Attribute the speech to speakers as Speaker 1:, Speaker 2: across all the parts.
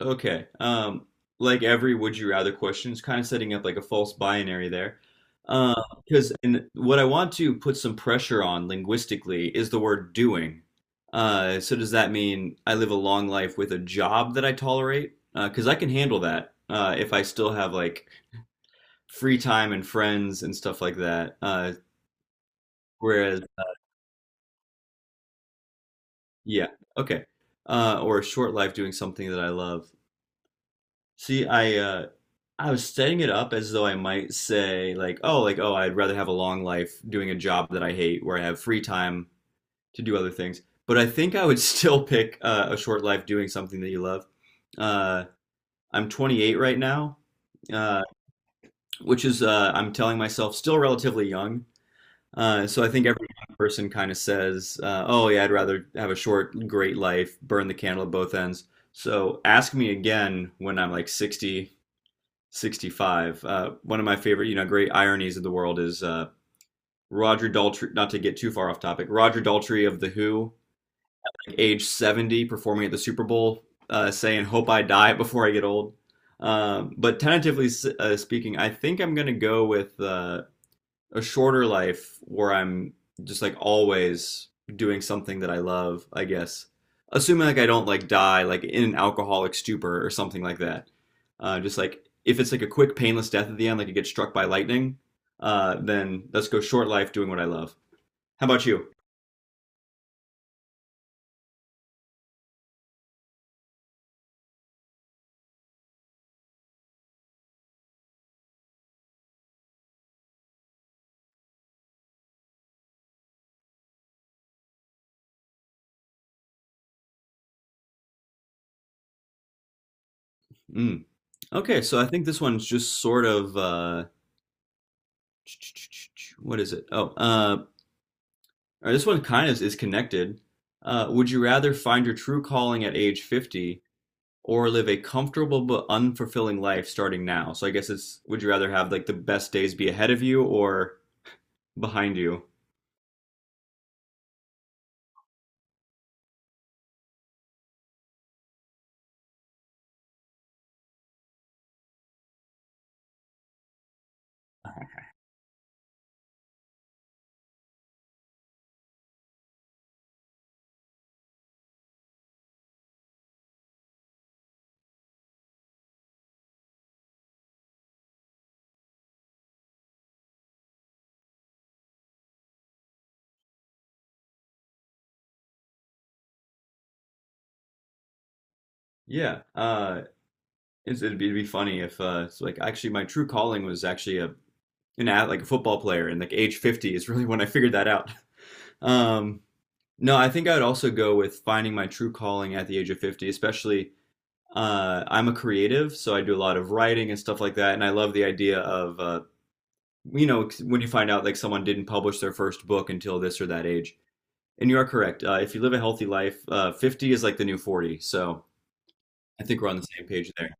Speaker 1: Okay. Like every would you rather question is kind of setting up like a false binary there. Uh, because and what I want to put some pressure on linguistically is the word doing. So does that mean I live a long life with a job that I tolerate? Because I can handle that if I still have like free time and friends and stuff like that. Whereas, yeah, okay. Or a short life doing something that I love. See, I was setting it up as though I might say like, oh, I'd rather have a long life doing a job that I hate where I have free time to do other things. But I think I would still pick a short life doing something that you love. Uh, I'm 28 right now, uh, which is I'm telling myself still relatively young. So I think every young person kind of says, oh yeah, I'd rather have a short, great life, burn the candle at both ends. So ask me again when I'm like 60 65. One of my favorite, you know, great ironies of the world is Roger Daltrey, not to get too far off topic, Roger Daltrey of The Who, like, age 70, performing at the Super Bowl, saying, Hope I die before I get old. But tentatively speaking, I think I'm going to go with a shorter life where I'm just like always doing something that I love, I guess. Assuming like I don't like die like in an alcoholic stupor or something like that. Just like if it's like a quick painless death at the end, like you get struck by lightning, then let's go short life doing what I love. How about you? Mm. Okay, so I think this one's just sort of what is it? Oh, all right, this one kind of is connected. Would you rather find your true calling at age 50 or live a comfortable but unfulfilling life starting now. So I guess it's would you rather have like the best days be ahead of you or behind you? Yeah. It'd be it'd be funny if it's like actually my true calling was actually a an ad, like a football player and like age 50 is really when I figured that out. Um no, I think I would also go with finding my true calling at the age of 50, especially I'm a creative, so I do a lot of writing and stuff like that, and I love the idea of you know, when you find out like someone didn't publish their first book until this or that age. And you are correct. If you live a healthy life, 50 is like the new 40. So I think we're on the same page there.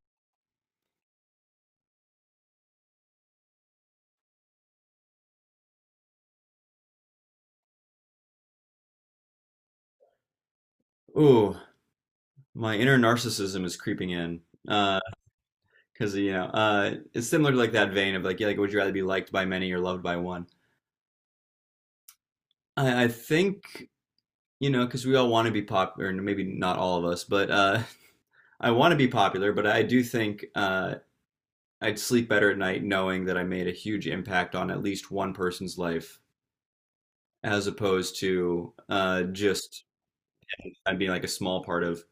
Speaker 1: Ooh, my inner narcissism is creeping in. Uh, cause you know, it's similar to like that vein of like, yeah, like, would you rather be liked by many or loved by one? I think, you know, cause we all want to be popular and maybe not all of us, but, I want to be popular, but I do think, I'd sleep better at night knowing that I made a huge impact on at least one person's life as opposed to just being like a small part of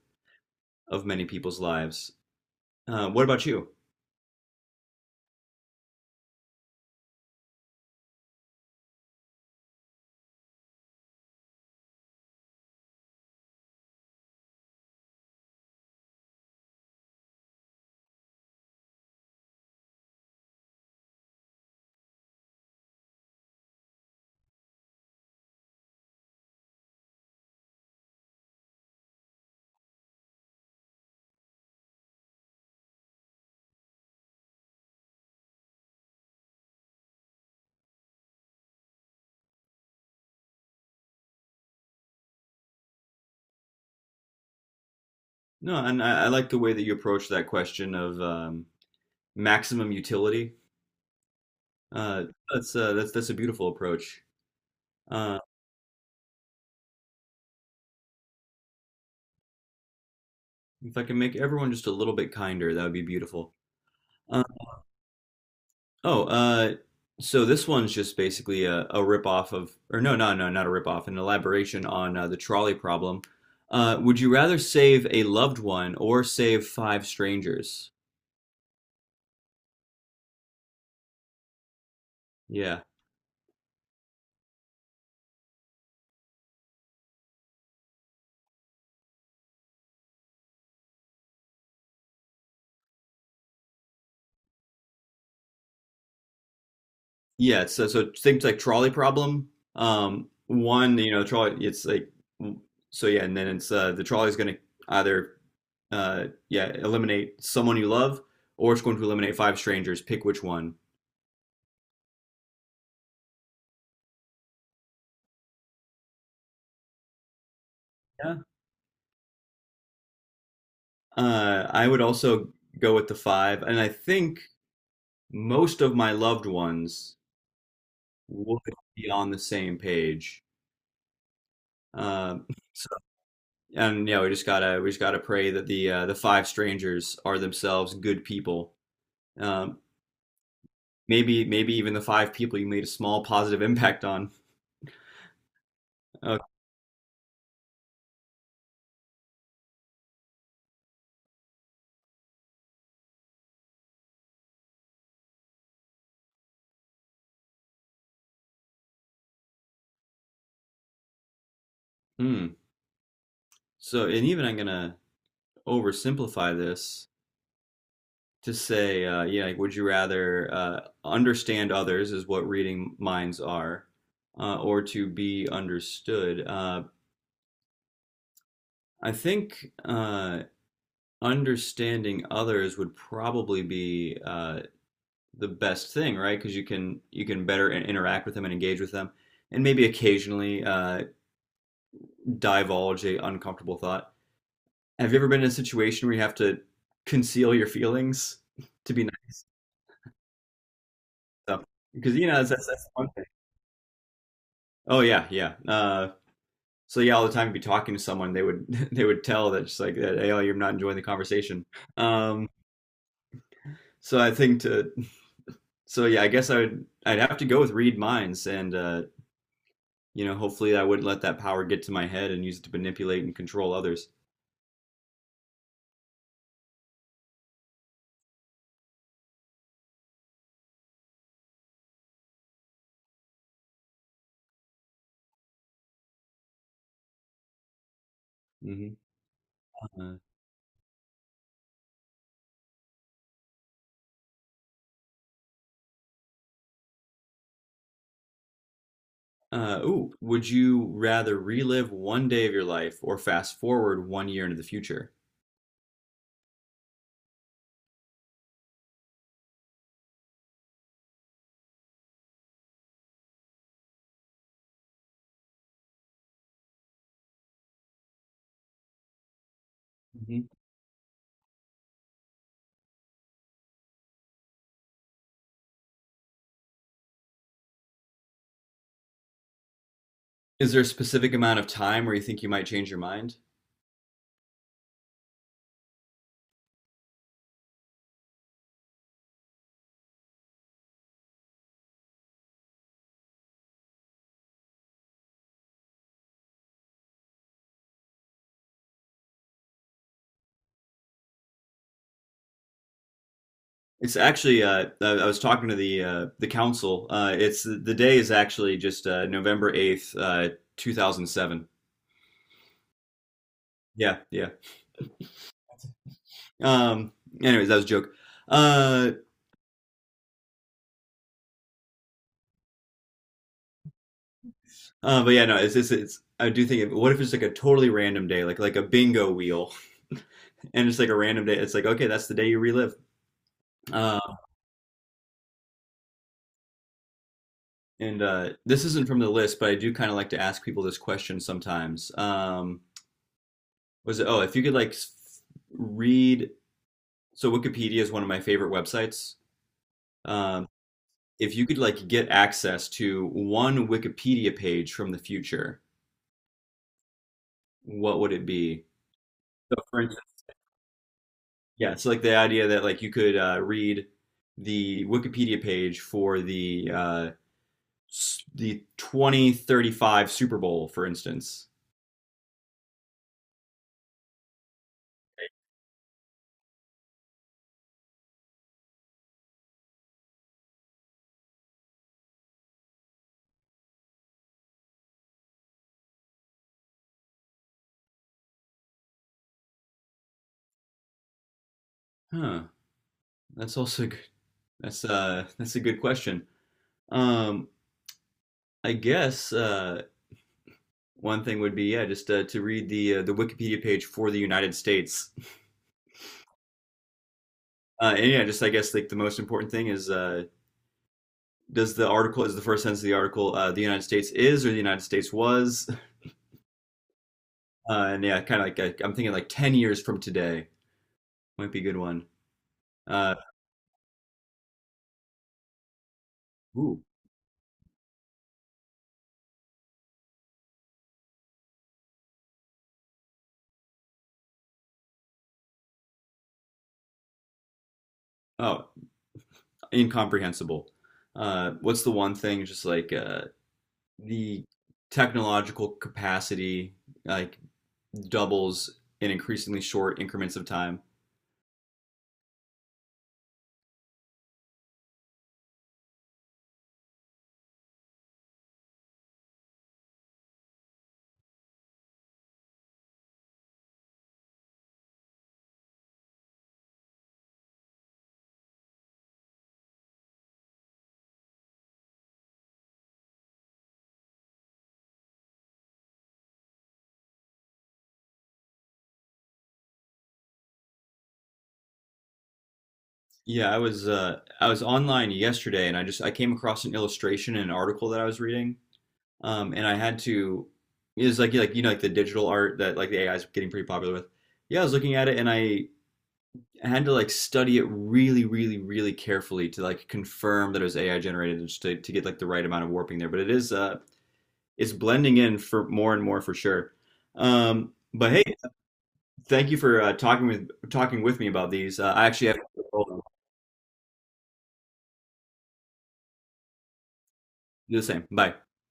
Speaker 1: many people's lives. What about you? No, and I like the way that you approach that question of maximum utility. Uh, that's a beautiful approach. Uh, if I can make everyone just a little bit kinder, that would be beautiful. Uh, Oh, uh, so this one's just basically a rip-off of, or not a rip-off, an elaboration on the trolley problem. Would you rather save a loved one or save five strangers? Yeah. Yeah, so things like trolley problem. One, you know, trolley, it's like, and then it's the trolley's going to either, yeah, eliminate someone you love or it's going to eliminate five strangers. Pick which one. I would also go with the five, and I think most of my loved ones would be on the same page. Um, so, and yeah, we just gotta pray that the five strangers are themselves good people. Um, Maybe even the five people you made a small positive impact on. Uh, hmm. So, and even I'm gonna oversimplify this to say, yeah, like, would you rather understand others is what reading minds are, or to be understood? I think Understanding others would probably be the best thing, right? Because you can better interact with them and engage with them, and maybe occasionally divulge a uncomfortable thought. Have you ever been in a situation where you have to conceal your feelings to be nice? So, because you know that's one thing. Oh yeah, yeah. So yeah, all the time you'd be talking to someone, they would they would tell that just like that, hey, oh, you're not enjoying the conversation. Um, so I think to so Yeah, I guess I'd have to go with read minds, and you know, hopefully I wouldn't let that power get to my head and use it to manipulate and control others. hmm Uh, Ooh, would you rather relive one day of your life or fast forward 1 year into the future? hmm Is there a specific amount of time where you think you might change your mind? It's actually, I was talking to the council. It's the day is actually just November 8th, 2007. Yeah, yeah. Um Anyways, that was a joke. Uh, but yeah, no, it's I do think what if it's like a totally random day, like a bingo wheel and it's like a random day. It's like, okay, that's the day you relive. Uh, and This isn't from the list, but I do kind of like to ask people this question sometimes. If you could like read, so Wikipedia is one of my favorite websites. Um, if you could like get access to one Wikipedia page from the future, what would it be? So for instance, yeah, so like the idea that like you could read the Wikipedia page for the the 2035 Super Bowl, for instance. Huh, that's also good. That's a good question. Um, I guess one thing would be yeah, just to read the Wikipedia page for the United States. And yeah, just I guess like the most important thing is does the article, is the first sentence of the article, the United States is or the United States was? And yeah, like I'm thinking like 10 years from today might be a good one. Uh, ooh, oh, Incomprehensible. What's the one thing? Just like the technological capacity like doubles in increasingly short increments of time. Yeah, I was online yesterday and I just I came across an illustration in an article that I was reading. And I had to, It was like, you know, like the digital art that like the AI is getting pretty popular with. Yeah, I was looking at it and I had to like study it really, really, really carefully to like confirm that it was AI generated and just to get like the right amount of warping there. But it is, it's blending in for more and more for sure. But hey, thank you for talking with me about these. I actually have to do the same. Bye.